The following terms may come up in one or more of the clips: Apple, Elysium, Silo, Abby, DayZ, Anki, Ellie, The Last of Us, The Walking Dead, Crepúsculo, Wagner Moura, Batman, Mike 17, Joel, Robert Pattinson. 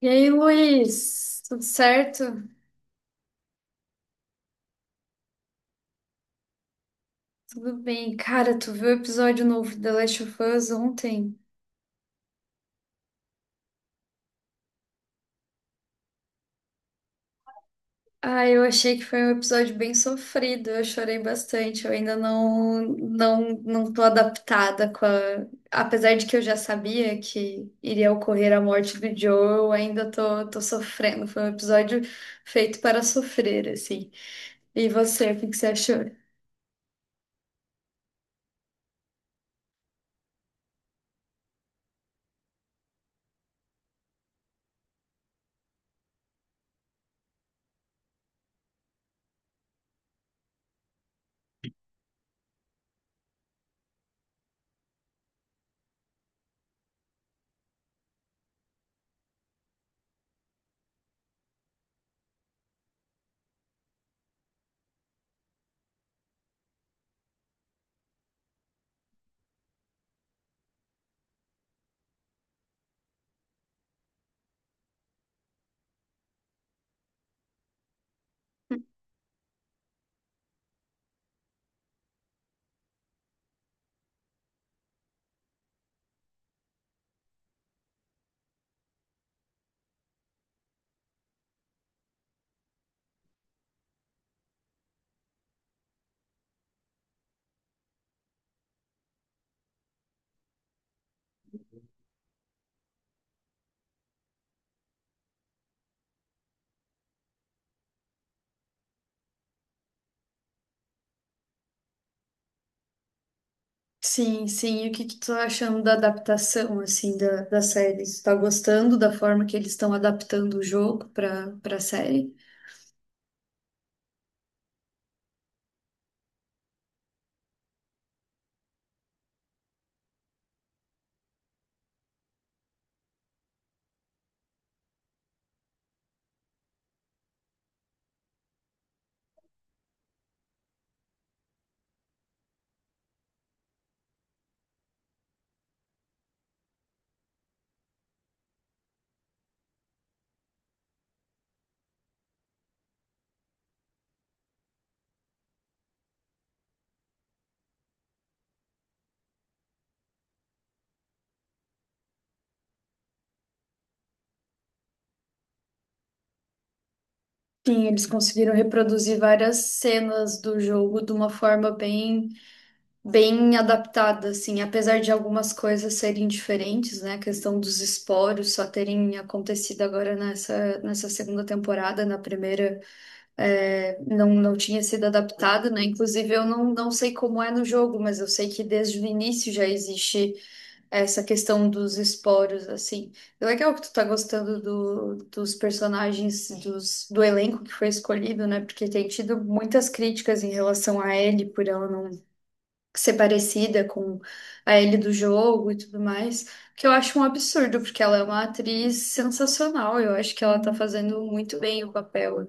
E aí, Luiz, tudo certo? Tudo bem. Cara, tu viu o episódio novo de The Last of Us ontem? Ah, eu achei que foi um episódio bem sofrido, eu chorei bastante, eu ainda não tô adaptada Apesar de que eu já sabia que iria ocorrer a morte do Joel, eu ainda tô sofrendo. Foi um episódio feito para sofrer, assim. E você, o que que você achou? Sim, sim. E o que que tu tá achando da adaptação, assim, da série? Tu tá gostando da forma que eles estão adaptando o jogo para série? Sim, eles conseguiram reproduzir várias cenas do jogo de uma forma bem, bem adaptada, assim, apesar de algumas coisas serem diferentes, né? A questão dos esporos só terem acontecido agora nessa segunda temporada, na primeira. Não tinha sido adaptado, né? Inclusive, eu não sei como é no jogo, mas eu sei que desde o início já existe essa questão dos esporos, assim. É legal que tu tá gostando do, dos personagens, dos, do elenco que foi escolhido, né? Porque tem tido muitas críticas em relação a Ellie, por ela não ser parecida com a Ellie do jogo e tudo mais, que eu acho um absurdo, porque ela é uma atriz sensacional, eu acho que ela tá fazendo muito bem o papel.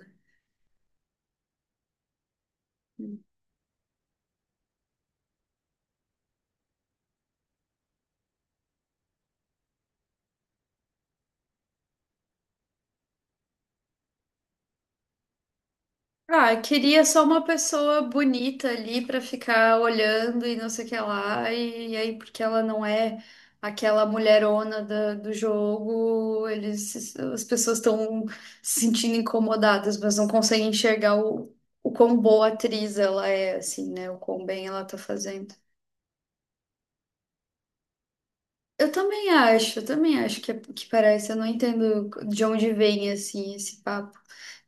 Ah, eu queria só uma pessoa bonita ali pra ficar olhando e não sei o que lá. E, aí, porque ela não é aquela mulherona do jogo, eles, as pessoas estão se sentindo incomodadas, mas não conseguem enxergar o quão boa atriz ela é, assim, né? O quão bem ela tá fazendo. Eu também acho que, que parece. Eu não entendo de onde vem assim esse papo.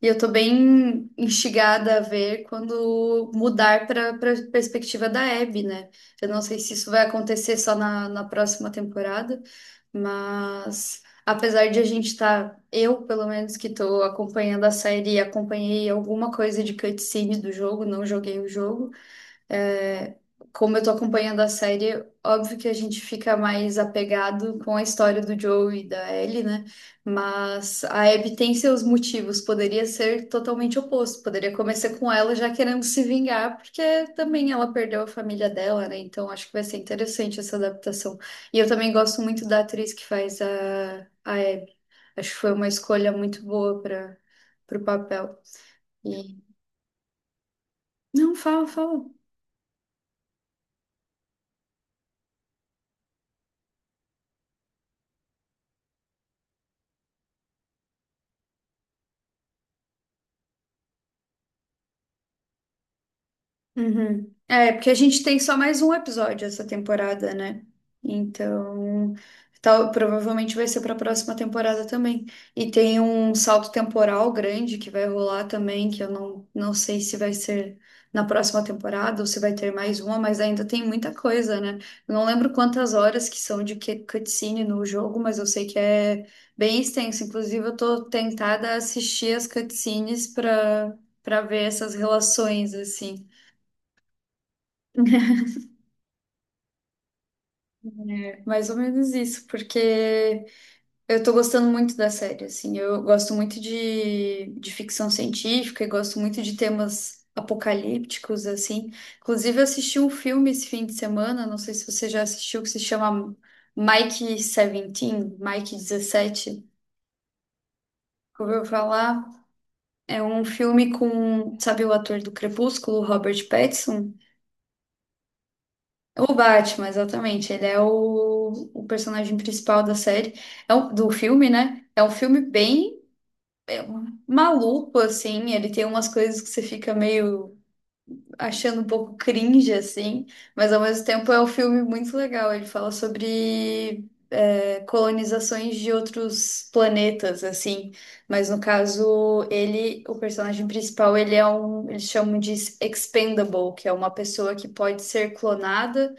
E eu tô bem instigada a ver quando mudar para perspectiva da Abby, né? Eu não sei se isso vai acontecer só na próxima temporada, mas apesar de a gente estar, eu pelo menos que tô acompanhando a série, acompanhei alguma coisa de cutscene do jogo, não joguei o jogo. É, como eu tô acompanhando a série, óbvio que a gente fica mais apegado com a história do Joe e da Ellie, né? Mas a Abby tem seus motivos, poderia ser totalmente oposto, poderia começar com ela já querendo se vingar, porque também ela perdeu a família dela, né? Então acho que vai ser interessante essa adaptação. E eu também gosto muito da atriz que faz a Abby. Acho que foi uma escolha muito boa para o papel. E... Não, fala, fala. Uhum. É, porque a gente tem só mais um episódio essa temporada, né? Então, tal, provavelmente vai ser para a próxima temporada também. E tem um salto temporal grande que vai rolar também, que eu não sei se vai ser na próxima temporada ou se vai ter mais uma, mas ainda tem muita coisa, né? Eu não lembro quantas horas que são cutscene no jogo, mas eu sei que é bem extenso. Inclusive, eu tô tentada a assistir as cutscenes para ver essas relações, assim. Mais ou menos isso, porque eu tô gostando muito da série, assim, eu gosto muito de ficção científica e gosto muito de temas apocalípticos, assim. Inclusive, eu assisti um filme esse fim de semana, não sei se você já assistiu, que se chama Mike 17, Mike 17, ouviu falar? É um filme com, sabe o ator do Crepúsculo, Robert Pattinson? O Batman, exatamente. Ele é o personagem principal da série, do filme, né? É um filme bem é, maluco, assim. Ele tem umas coisas que você fica meio achando um pouco cringe, assim. Mas ao mesmo tempo é um filme muito legal. Ele fala sobre colonizações de outros planetas, assim. Mas no caso, ele, o personagem principal, ele é um, eles chamam de expendable, que é uma pessoa que pode ser clonada,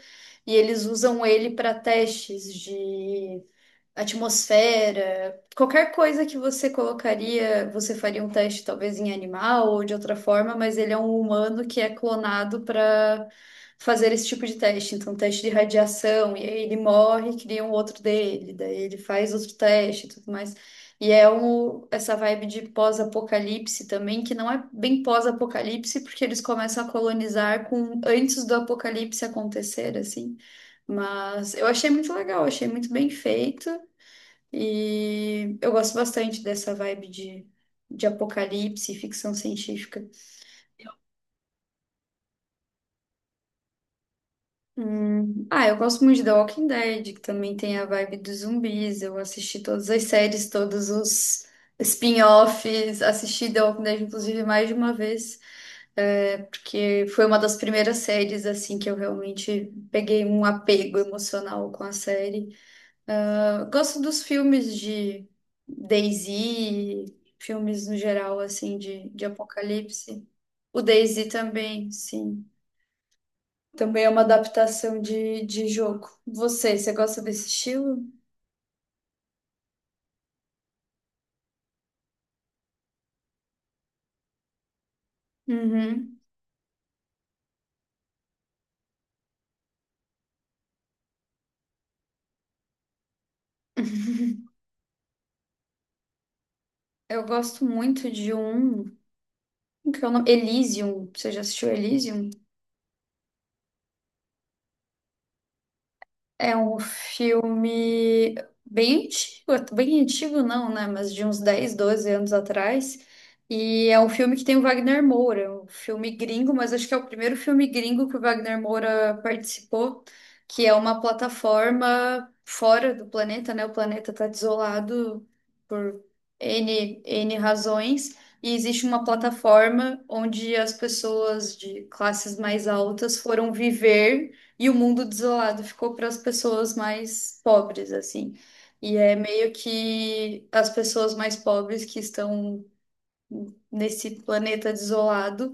e eles usam ele para testes de atmosfera, qualquer coisa que você colocaria, você faria um teste talvez em animal ou de outra forma, mas ele é um humano que é clonado para fazer esse tipo de teste. Então, teste de radiação, e aí ele morre, cria um outro dele, daí ele faz outro teste e tudo mais. E é um, essa vibe de pós-apocalipse também, que não é bem pós-apocalipse, porque eles começam a colonizar com antes do apocalipse acontecer, assim. Mas eu achei muito legal, achei muito bem feito. E eu gosto bastante dessa vibe de apocalipse e ficção científica. Ah, eu gosto muito de The Walking Dead, que também tem a vibe dos zumbis. Eu assisti todas as séries, todos os spin-offs, assisti The Walking Dead, inclusive, mais de uma vez, porque foi uma das primeiras séries assim que eu realmente peguei um apego emocional com a série. Eu gosto dos filmes de DayZ, filmes no geral, assim, de apocalipse. O DayZ também, sim. Também é uma adaptação de jogo. Você gosta desse estilo? Uhum. Eu gosto muito de um. Como que é o nome? Elysium. Você já assistiu Elysium? É um filme bem bem antigo não, né? Mas de uns 10, 12 anos atrás. E é um filme que tem o Wagner Moura, um filme gringo, mas acho que é o primeiro filme gringo que o Wagner Moura participou, que é uma plataforma fora do planeta, né? O planeta está desolado por N, N razões. E existe uma plataforma onde as pessoas de classes mais altas foram viver e o mundo desolado ficou para as pessoas mais pobres, assim. E é meio que as pessoas mais pobres que estão nesse planeta desolado,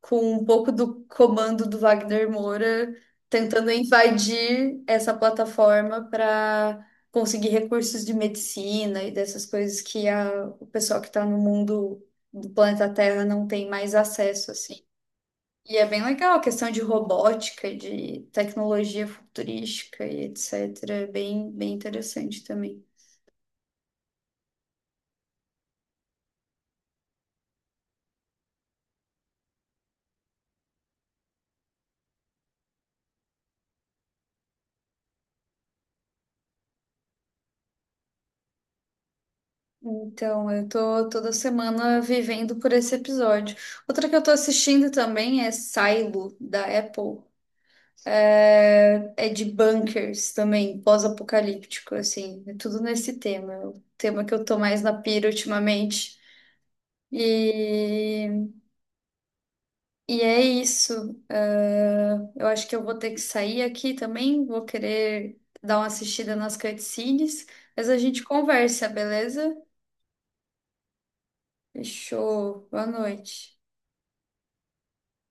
com um pouco do comando do Wagner Moura, tentando invadir essa plataforma para conseguir recursos de medicina e dessas coisas que a, o pessoal que está no mundo do planeta Terra não tem mais acesso, assim. E é bem legal a questão de robótica, de tecnologia futurística e etc. É bem, bem interessante também. Então, eu tô toda semana vivendo por esse episódio. Outra que eu tô assistindo também é Silo, da Apple. É de bunkers também, pós-apocalíptico, assim. É tudo nesse tema. É o tema que eu tô mais na pira ultimamente. E E é isso. Ah, eu acho que eu vou ter que sair aqui também. Vou querer dar uma assistida nas cutscenes, mas a gente conversa, beleza? Fechou. Boa noite.